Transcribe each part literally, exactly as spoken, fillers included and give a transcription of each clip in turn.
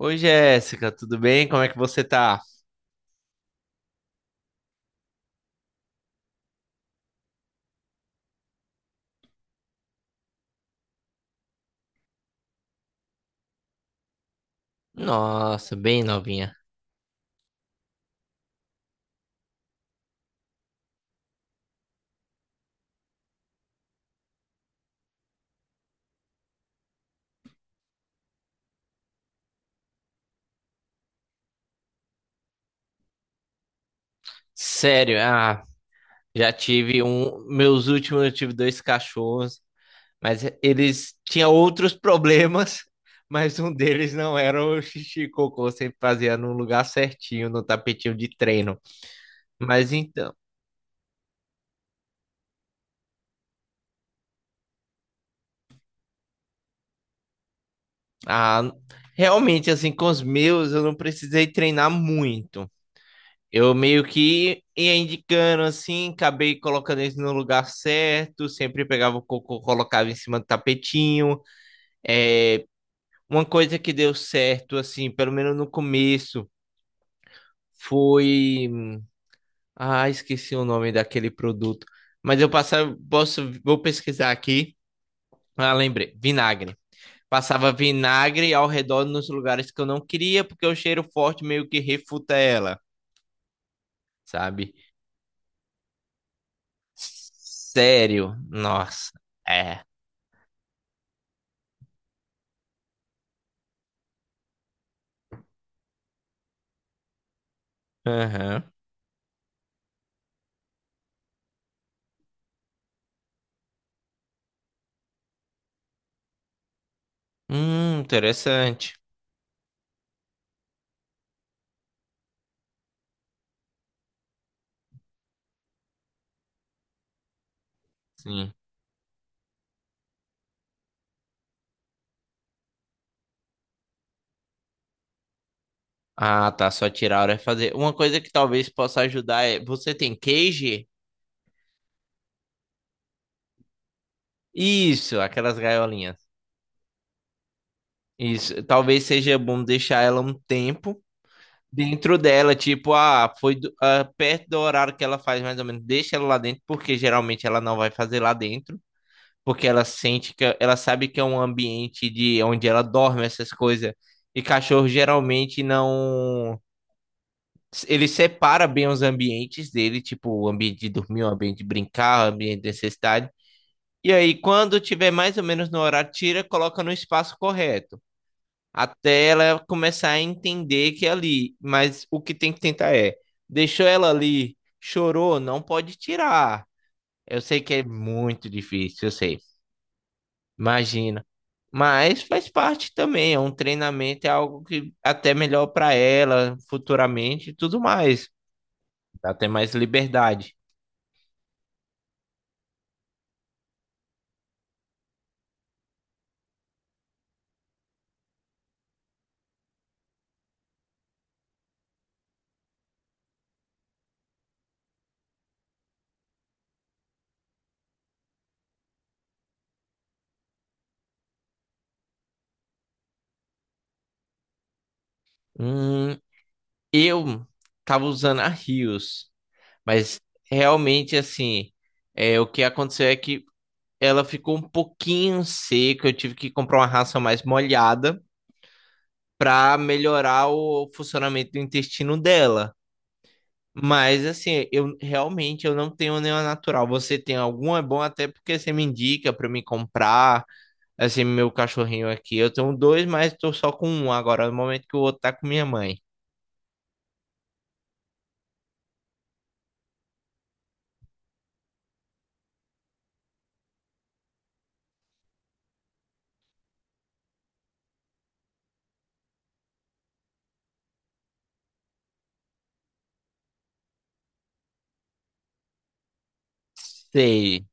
Oi, Jéssica, tudo bem? Como é que você tá? Nossa, bem novinha. Sério, ah, já tive um. Meus últimos, eu tive dois cachorros, mas eles tinham outros problemas, mas um deles não era o xixi e cocô, sempre fazia no lugar certinho, no tapetinho de treino. Mas então, ah, realmente, assim, com os meus, eu não precisei treinar muito. Eu meio que ia indicando assim, acabei colocando eles no lugar certo, sempre pegava o cocô, colocava em cima do tapetinho. É, uma coisa que deu certo, assim, pelo menos no começo, foi. Ah, esqueci o nome daquele produto. Mas eu passava, posso, vou pesquisar aqui. Ah, lembrei, vinagre. Passava vinagre ao redor nos lugares que eu não queria, porque o cheiro forte meio que refuta ela, sabe? Sério, nossa. É. Aham. Hum, interessante. Sim. Ah, tá. Só tirar a hora e fazer. Uma coisa que talvez possa ajudar é. Você tem cage? Isso, aquelas gaiolinhas. Isso. Talvez seja bom deixar ela um tempo dentro dela. Tipo, ah, foi do- ah, perto do horário que ela faz mais ou menos. Deixa ela lá dentro, porque geralmente ela não vai fazer lá dentro. Porque ela sente que. Ela sabe que é um ambiente de onde ela dorme, essas coisas. E cachorro geralmente não. Ele separa bem os ambientes dele, tipo o ambiente de dormir, o ambiente de brincar, o ambiente de necessidade. E aí, quando tiver mais ou menos no horário, tira, coloca no espaço correto. Até ela começar a entender que é ali. Mas o que tem que tentar é: deixou ela ali, chorou, não pode tirar. Eu sei que é muito difícil, eu sei. Imagina. Mas faz parte também, é um treinamento, é algo que até melhor para ela futuramente e tudo mais. Dá até mais liberdade. Hum, eu tava usando a Rios, mas realmente assim, é, o que aconteceu é que ela ficou um pouquinho seca, eu tive que comprar uma ração mais molhada para melhorar o funcionamento do intestino dela. Mas assim, eu realmente eu não tenho nenhuma natural. Você tem alguma? É bom até porque você me indica para me comprar. Assim, meu cachorrinho aqui, eu tenho dois, mas tô só com um agora, no momento que o outro tá com minha mãe. Sei,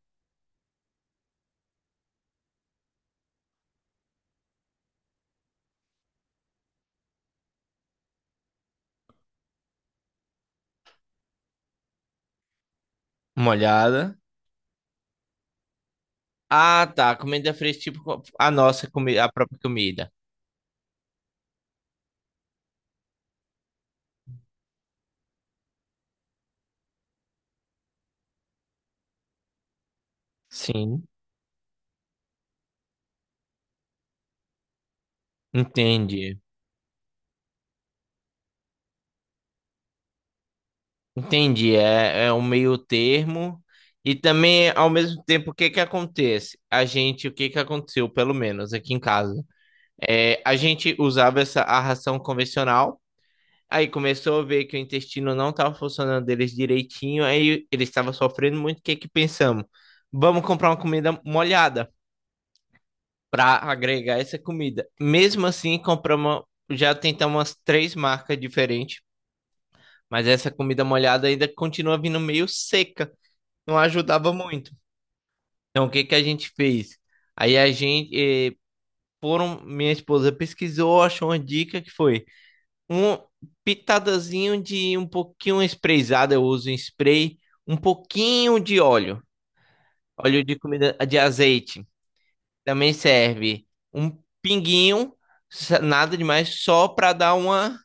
molhada. Ah, tá. Comida fresca, tipo a nossa comida, a própria comida. Sim, entendi. Entendi. É, é um meio termo. E também, ao mesmo tempo, o que que acontece? A gente, o que que aconteceu, pelo menos aqui em casa? É, a gente usava essa a ração convencional. Aí começou a ver que o intestino não estava funcionando deles direitinho. Aí eles estavam sofrendo muito. O que que pensamos? Vamos comprar uma comida molhada. Para agregar essa comida. Mesmo assim, compramos, já tentamos umas três marcas diferentes, mas essa comida molhada ainda continua vindo meio seca, não ajudava muito. Então, o que que a gente fez? Aí a gente, eh, foram, minha esposa pesquisou, achou uma dica que foi um pitadazinho de um pouquinho sprayzada, eu uso em spray, um pouquinho de óleo, óleo de comida de azeite. Também serve um pinguinho, sa- nada demais, só pra dar uma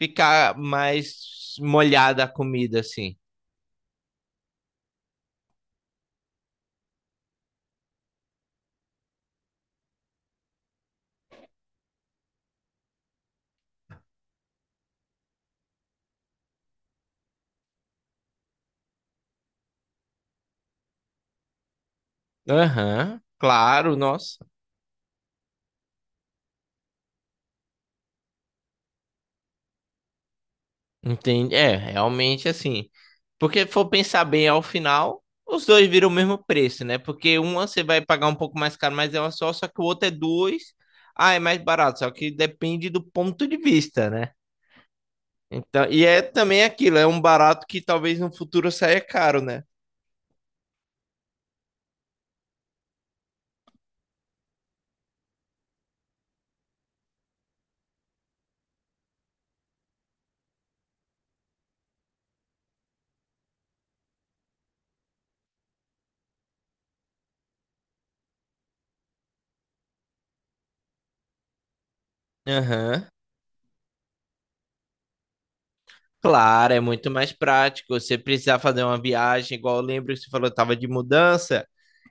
ficar mais molhada a comida assim. Aham, claro, nossa. Entende? É, realmente assim. Porque se for pensar bem ao final, os dois viram o mesmo preço, né? Porque uma você vai pagar um pouco mais caro, mas é uma só, só que o outro é duas. Ah, é mais barato, só que depende do ponto de vista, né? Então, e é também aquilo, é um barato que talvez no futuro saia caro, né? Aham. Claro, é muito mais prático. Você precisar fazer uma viagem, igual eu lembro que você falou, tava de mudança.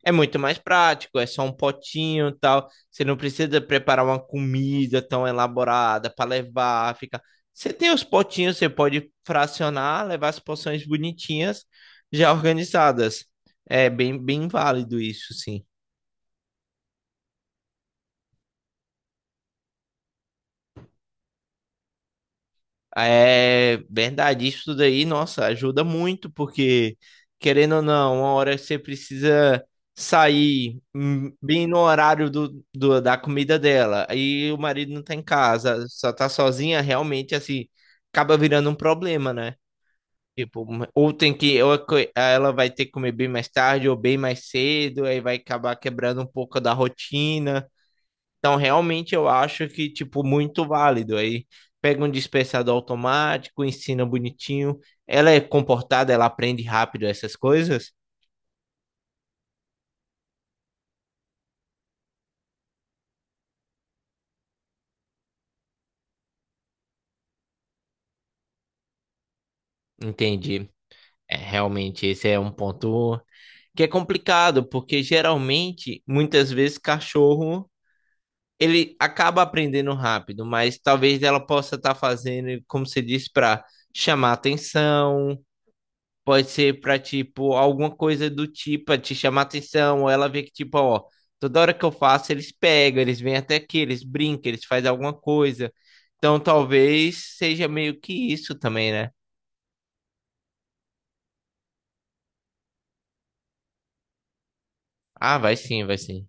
É muito mais prático, é só um potinho e tal. Você não precisa preparar uma comida tão elaborada para levar, fica. Você tem os potinhos, você pode fracionar, levar as porções bonitinhas, já organizadas. É bem, bem válido isso, sim. É verdade, isso daí, nossa, ajuda muito, porque querendo ou não, uma hora você precisa sair hum, bem no horário do, do- da comida dela, aí o marido não tá em casa, só tá sozinha, realmente, assim, acaba virando um problema, né? Tipo, um, ou tem que, ou a co- ela vai ter que comer bem mais tarde, ou bem mais cedo, aí vai acabar quebrando um pouco da rotina. Então, realmente, eu acho que, tipo, muito válido. Aí pega um dispensador automático, ensina bonitinho. Ela é comportada, ela aprende rápido essas coisas. Entendi. É, realmente, esse é um ponto que é complicado, porque geralmente, muitas vezes, cachorro, ele acaba aprendendo rápido, mas talvez ela possa estar fazendo, como você disse, para chamar atenção. Pode ser pra, tipo, alguma coisa do tipo, pra te chamar atenção, ou ela vê que, tipo, ó, toda hora que eu faço, eles pegam, eles vêm até aqui, eles brincam, eles fazem alguma coisa. Então, talvez seja meio que isso também, né? Ah, vai sim, vai sim.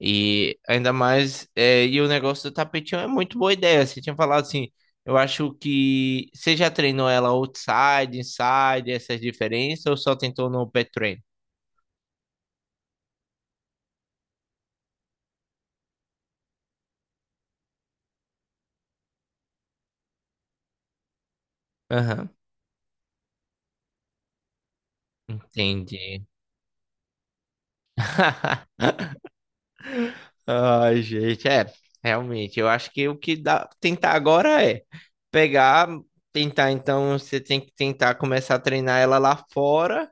E ainda mais, é, e o negócio do tapetinho é muito boa ideia. Você tinha falado assim, eu acho que você já treinou ela outside, inside, essas diferenças, ou só tentou no pet train? Aham, entendi. Ai, gente, é, realmente, eu acho que o que dá tentar agora é pegar, tentar, então você tem que tentar começar a treinar ela lá fora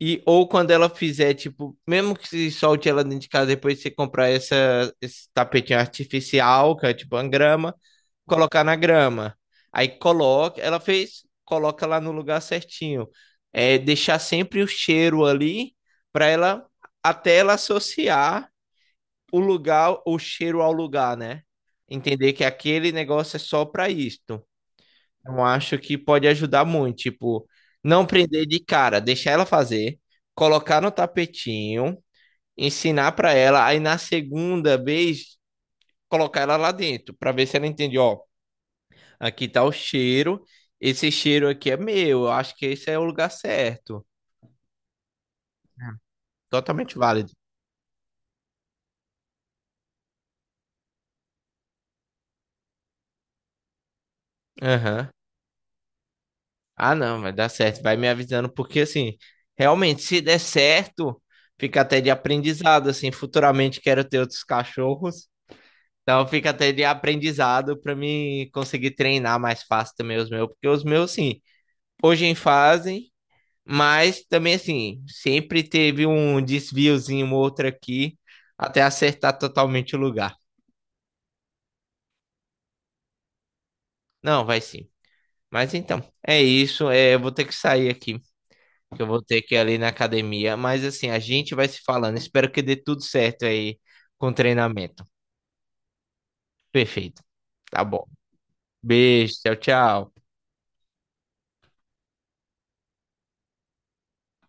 e ou quando ela fizer, tipo, mesmo que se solte ela dentro de casa, depois você comprar essa esse tapetinho artificial, que é tipo uma grama, colocar na grama. Aí coloca, ela fez, coloca lá no lugar certinho. É deixar sempre o cheiro ali para ela até ela associar o lugar, o cheiro ao lugar, né? Entender que aquele negócio é só para isto. Eu acho que pode ajudar muito. Tipo, não prender de cara, deixar ela fazer, colocar no tapetinho, ensinar para ela, aí na segunda vez colocar ela lá dentro, para ver se ela entende, ó, aqui tá o cheiro, esse cheiro aqui é meu, eu acho que esse é o lugar certo. Totalmente válido. Aham. Ah, não, vai dar certo. Vai me avisando, porque assim, realmente, se der certo, fica até de aprendizado. Assim, futuramente quero ter outros cachorros. Então fica até de aprendizado para mim conseguir treinar mais fácil também os meus, porque os meus, sim, hoje em fazem, mas também assim, sempre teve um desviozinho, um outro aqui, até acertar totalmente o lugar. Não, vai sim. Mas então, é isso. É, eu vou ter que sair aqui. Que eu vou ter que ir ali na academia. Mas assim, a gente vai se falando. Espero que dê tudo certo aí com o treinamento. Perfeito. Tá bom. Beijo, tchau, tchau.